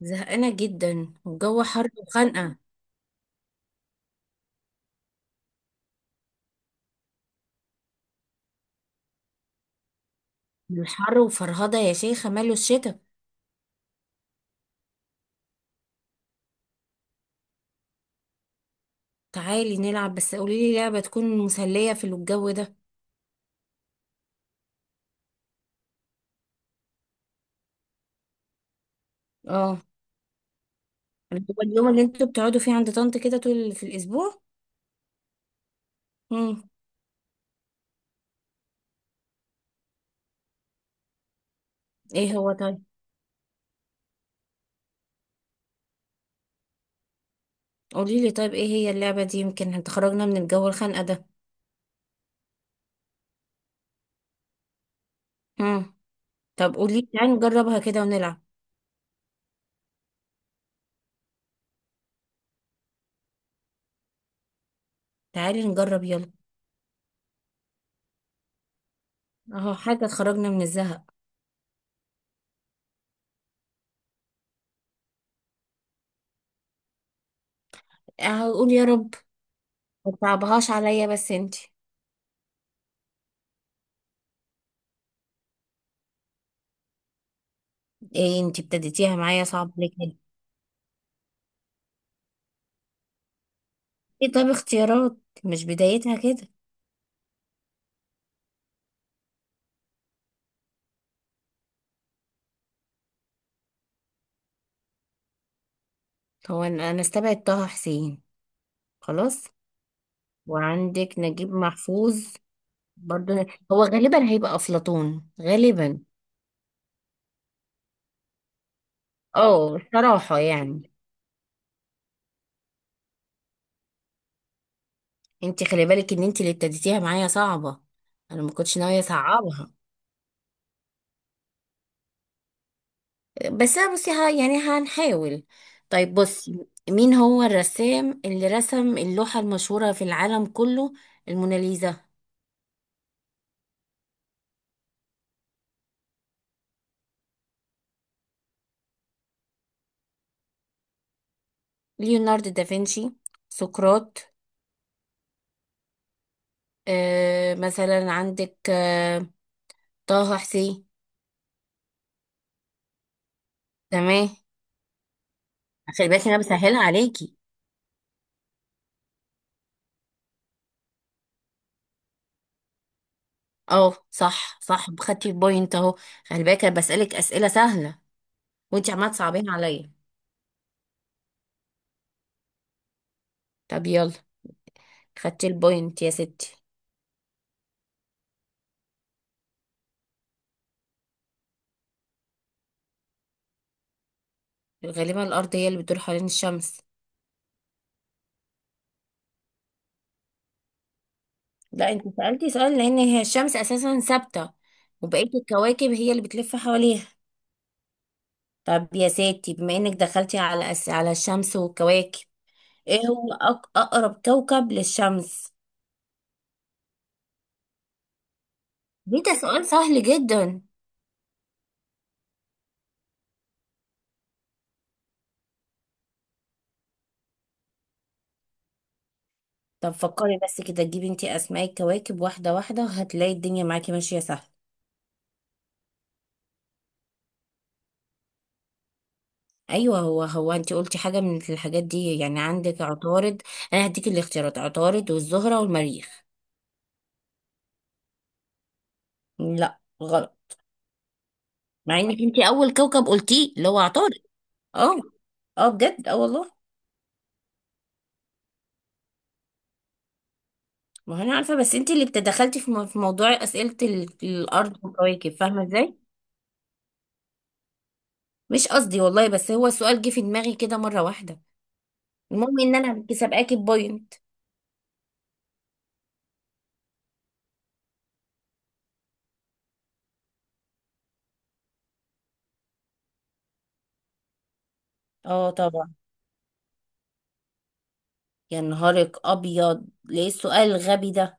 زهقانة جدا والجو حر وخانقة. من الحر وفرهدة يا شيخة، ماله الشتا. تعالي نلعب، بس قوليلي لعبة تكون مسلية في الجو ده. اه. اللي هو اليوم اللي انتوا بتقعدوا فيه عند طنط كده طول في الأسبوع؟ مم. ايه هو؟ طيب. قوليلي طيب، ايه هي اللعبة دي؟ يمكن هتخرجنا من الجو الخانقة ده. مم. طب قوليلي، تعالي نجربها كده ونلعب. تعالي نجرب يلا. اهو حاجة تخرجنا من الزهق. اهو قول يا رب. ما تصعبهاش عليا بس انتي. ايه، انتي ابتديتيها معايا صعب ليه كده؟ ايه؟ طب اختيارات. مش بدايتها كده. هو انا استبعد طه حسين. خلاص. وعندك نجيب محفوظ. برضو. هو غالبا هيبقى افلاطون غالبا. اه صراحة يعني. انت خلي بالك ان انت اللي ابتديتيها معايا صعبة. انا ما كنتش ناوية اصعبها. بس أنا بصي، ها يعني هنحاول. طيب بصي، مين هو الرسام اللي رسم اللوحة المشهورة في العالم كله؟ الموناليزا. ليوناردو دافنشي. سقراط. مثلا عندك، طه حسين. تمام. خلي بالك انا بسهلها عليكي. اه صح، صح، خدتي البوينت اهو. خلي بالك انا بسألك أسئلة سهلة، وانت عمالة تصعبين عليا. طب يلا. خدتي البوينت يا ستي. غالبا الأرض هي اللي بتدور حوالين الشمس. لا، انت سألتي سؤال لأن هي الشمس أساسا ثابتة. وبقية الكواكب هي اللي بتلف حواليها. طب يا ستي، بما انك دخلتي على على الشمس والكواكب، ايه هو أقرب كوكب للشمس؟ ليه؟ ده سؤال سهل جدا. طب فكري بس كده، تجيبي انت اسماء الكواكب واحده واحده هتلاقي الدنيا معاكي ماشيه سهل. ايوه، هو انت قلتي حاجه من الحاجات دي، يعني عندك عطارد. انا هديك الاختيارات، عطارد والزهره والمريخ. لا، غلط. مع انك انت اول كوكب قلتيه اللي هو عطارد. اه. اه بجد، اه والله. ما هو انا عارفه، بس انت اللي بتدخلتي في في موضوع اسئله الارض والكواكب، فاهمه ازاي. مش قصدي والله، بس هو السؤال جه في دماغي كده مره واحده. المهم ان انا كسبقاكي بوينت. اه طبعا. يا نهارك ابيض، ليه السؤال الغبي ده؟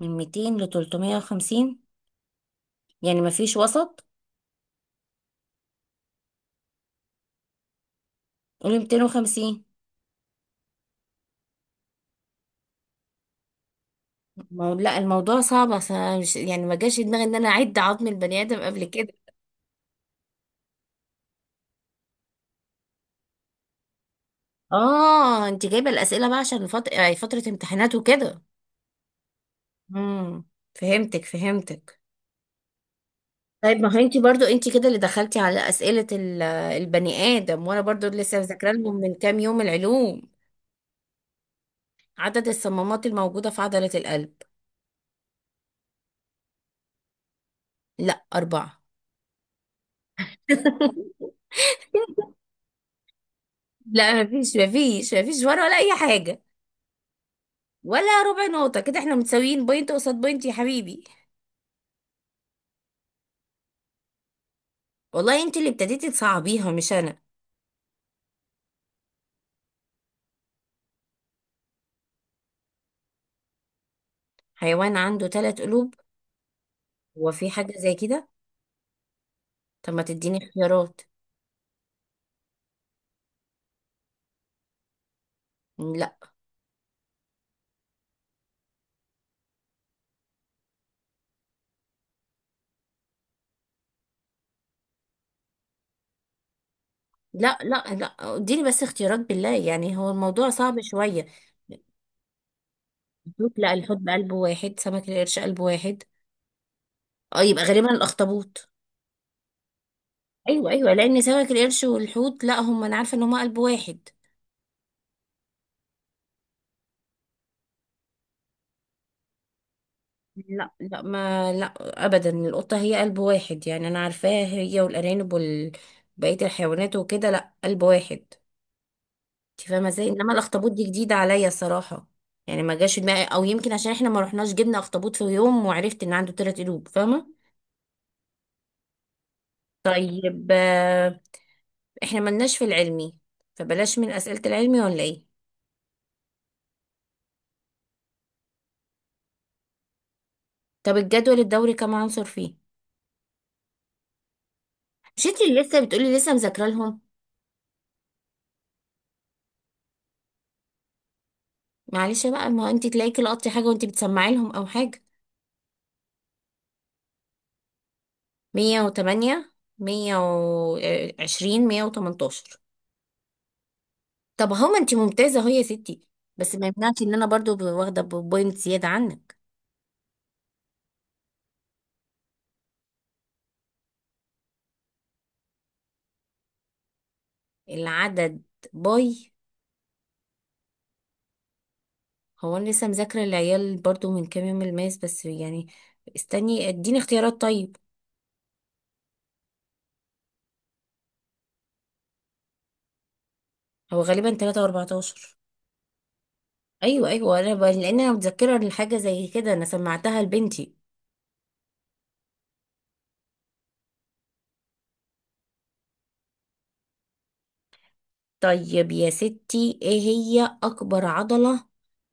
من 200 ل 350. يعني ما فيش وسط؟ قولي 250. ما هو- لا، الموضوع صعب، أصل أنا مش يعني ما جاش في دماغي ان انا اعد عظم البني ادم قبل كده. اه، انت جايبه الاسئله بقى عشان يعني فتره امتحانات وكده. امم فهمتك فهمتك. طيب ما هو انت برضو انت كده اللي دخلتي على اسئله البني ادم، وانا برضو لسه ذاكره لهم من كام يوم العلوم. عدد الصمامات الموجوده في عضله القلب. لا، أربعة. لا مفيش مفيش مفيش ورا ولا اي حاجه. ولا ربع نقطه، كده احنا متساويين بوينت قصاد بوينت يا حبيبي. والله انت اللي ابتديتي تصعبيها مش انا. حيوان عنده ثلاث قلوب؟ هو في حاجه زي كده. طب ما تديني اختيارات. لا لا لا لا، اديني بس اختيارات بالله، يعني هو الموضوع صعب شويه. دوت، لا الحوت بقلبه واحد، سمك القرش قلبه واحد. اه، يبقى غالبا الاخطبوط. ايوه ايوه، لان سمك القرش والحوت لا، هم انا عارفه ان هم قلب واحد. لا لا، ما لا. ابدا، القطه هي قلب واحد، يعني انا عارفاها هي والارانب وال بقيه الحيوانات وكده، لا قلب واحد. انت فاهمه ازاي؟ انما الاخطبوط دي جديده عليا صراحه. يعني ما جاش في دماغي، او يمكن عشان احنا ما رحناش جبنا اخطبوط في يوم وعرفت ان عنده ثلاث قلوب، فاهمه. طيب، احنا ملناش في العلمي، فبلاش من اسئله العلمي ولا ايه؟ طب الجدول الدوري كم عنصر فيه؟ مش انت اللي لسه بتقولي لسه مذاكره لهم؟ معلش بقى، ما انت تلاقيكي لقطتي حاجه وانت بتسمعي لهم او حاجه. 108، 120، 118. طب هما انت ممتازة اهو يا ستي، بس ما يمنعش ان انا برضو واخدة بوينت زيادة عنك. العدد باي. هو انا لسه مذاكرة العيال برضو من كام يوم الماس، بس يعني استني اديني اختيارات طيب. هو غالبا 3.14. ايوه ايوه، انا لان انا متذكرة الحاجة زي كده، انا سمعتها لبنتي. طيب يا ستي، ايه هي اكبر عضلة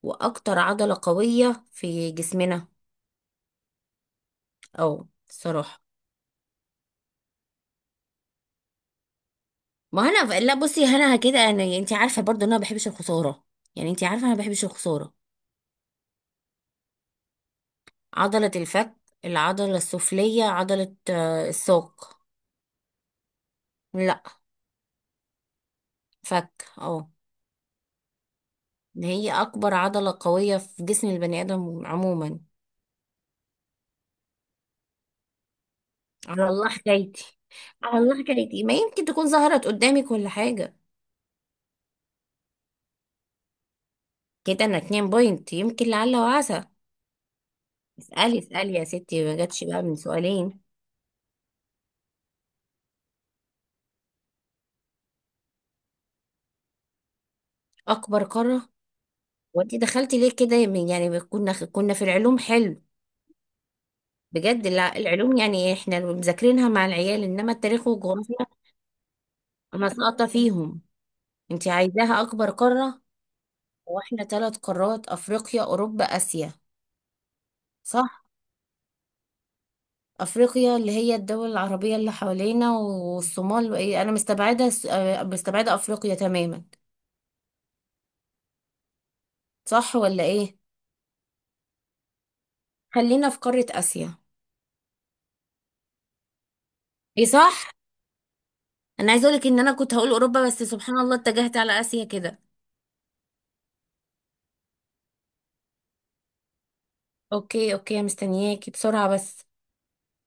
واكتر عضلة قوية في جسمنا؟ اه الصراحه. ما انا لا بصي، انا كده انا يعني، انت عارفه برضو ان انا ما بحبش الخساره، يعني انت عارفه انا ما بحبش الخساره. عضله الفك، العضله السفليه، عضله الساق. لا. فك اه. ده هي اكبر عضله قويه في جسم البني ادم عموما. على الله حكايتي. على الله حكايتي، ما يمكن تكون ظهرت قدامك ولا حاجه. كده انا اتنين بوينت، يمكن لعل وعسى. اسالي اسالي يا ستي، ما جاتش بقى من سؤالين. اكبر قاره. وانت دخلتي ليه كده يعني كنا في العلوم حلو. بجد لا، العلوم يعني احنا اللي مذاكرينها مع العيال، انما التاريخ والجغرافيا انا ساقطه فيهم. انت عايزاها اكبر قاره. واحنا ثلاث قارات، افريقيا اوروبا اسيا. صح. افريقيا اللي هي الدول العربيه اللي حوالينا والصومال وايه، انا مستبعده مستبعده افريقيا تماما. صح ولا ايه؟ خلينا في قاره اسيا. ايه صح. انا عايزه اقولك ان انا كنت هقول اوروبا، بس سبحان الله اتجهت على اسيا كده. اوكي اوكي، مستنياكي بسرعة بس.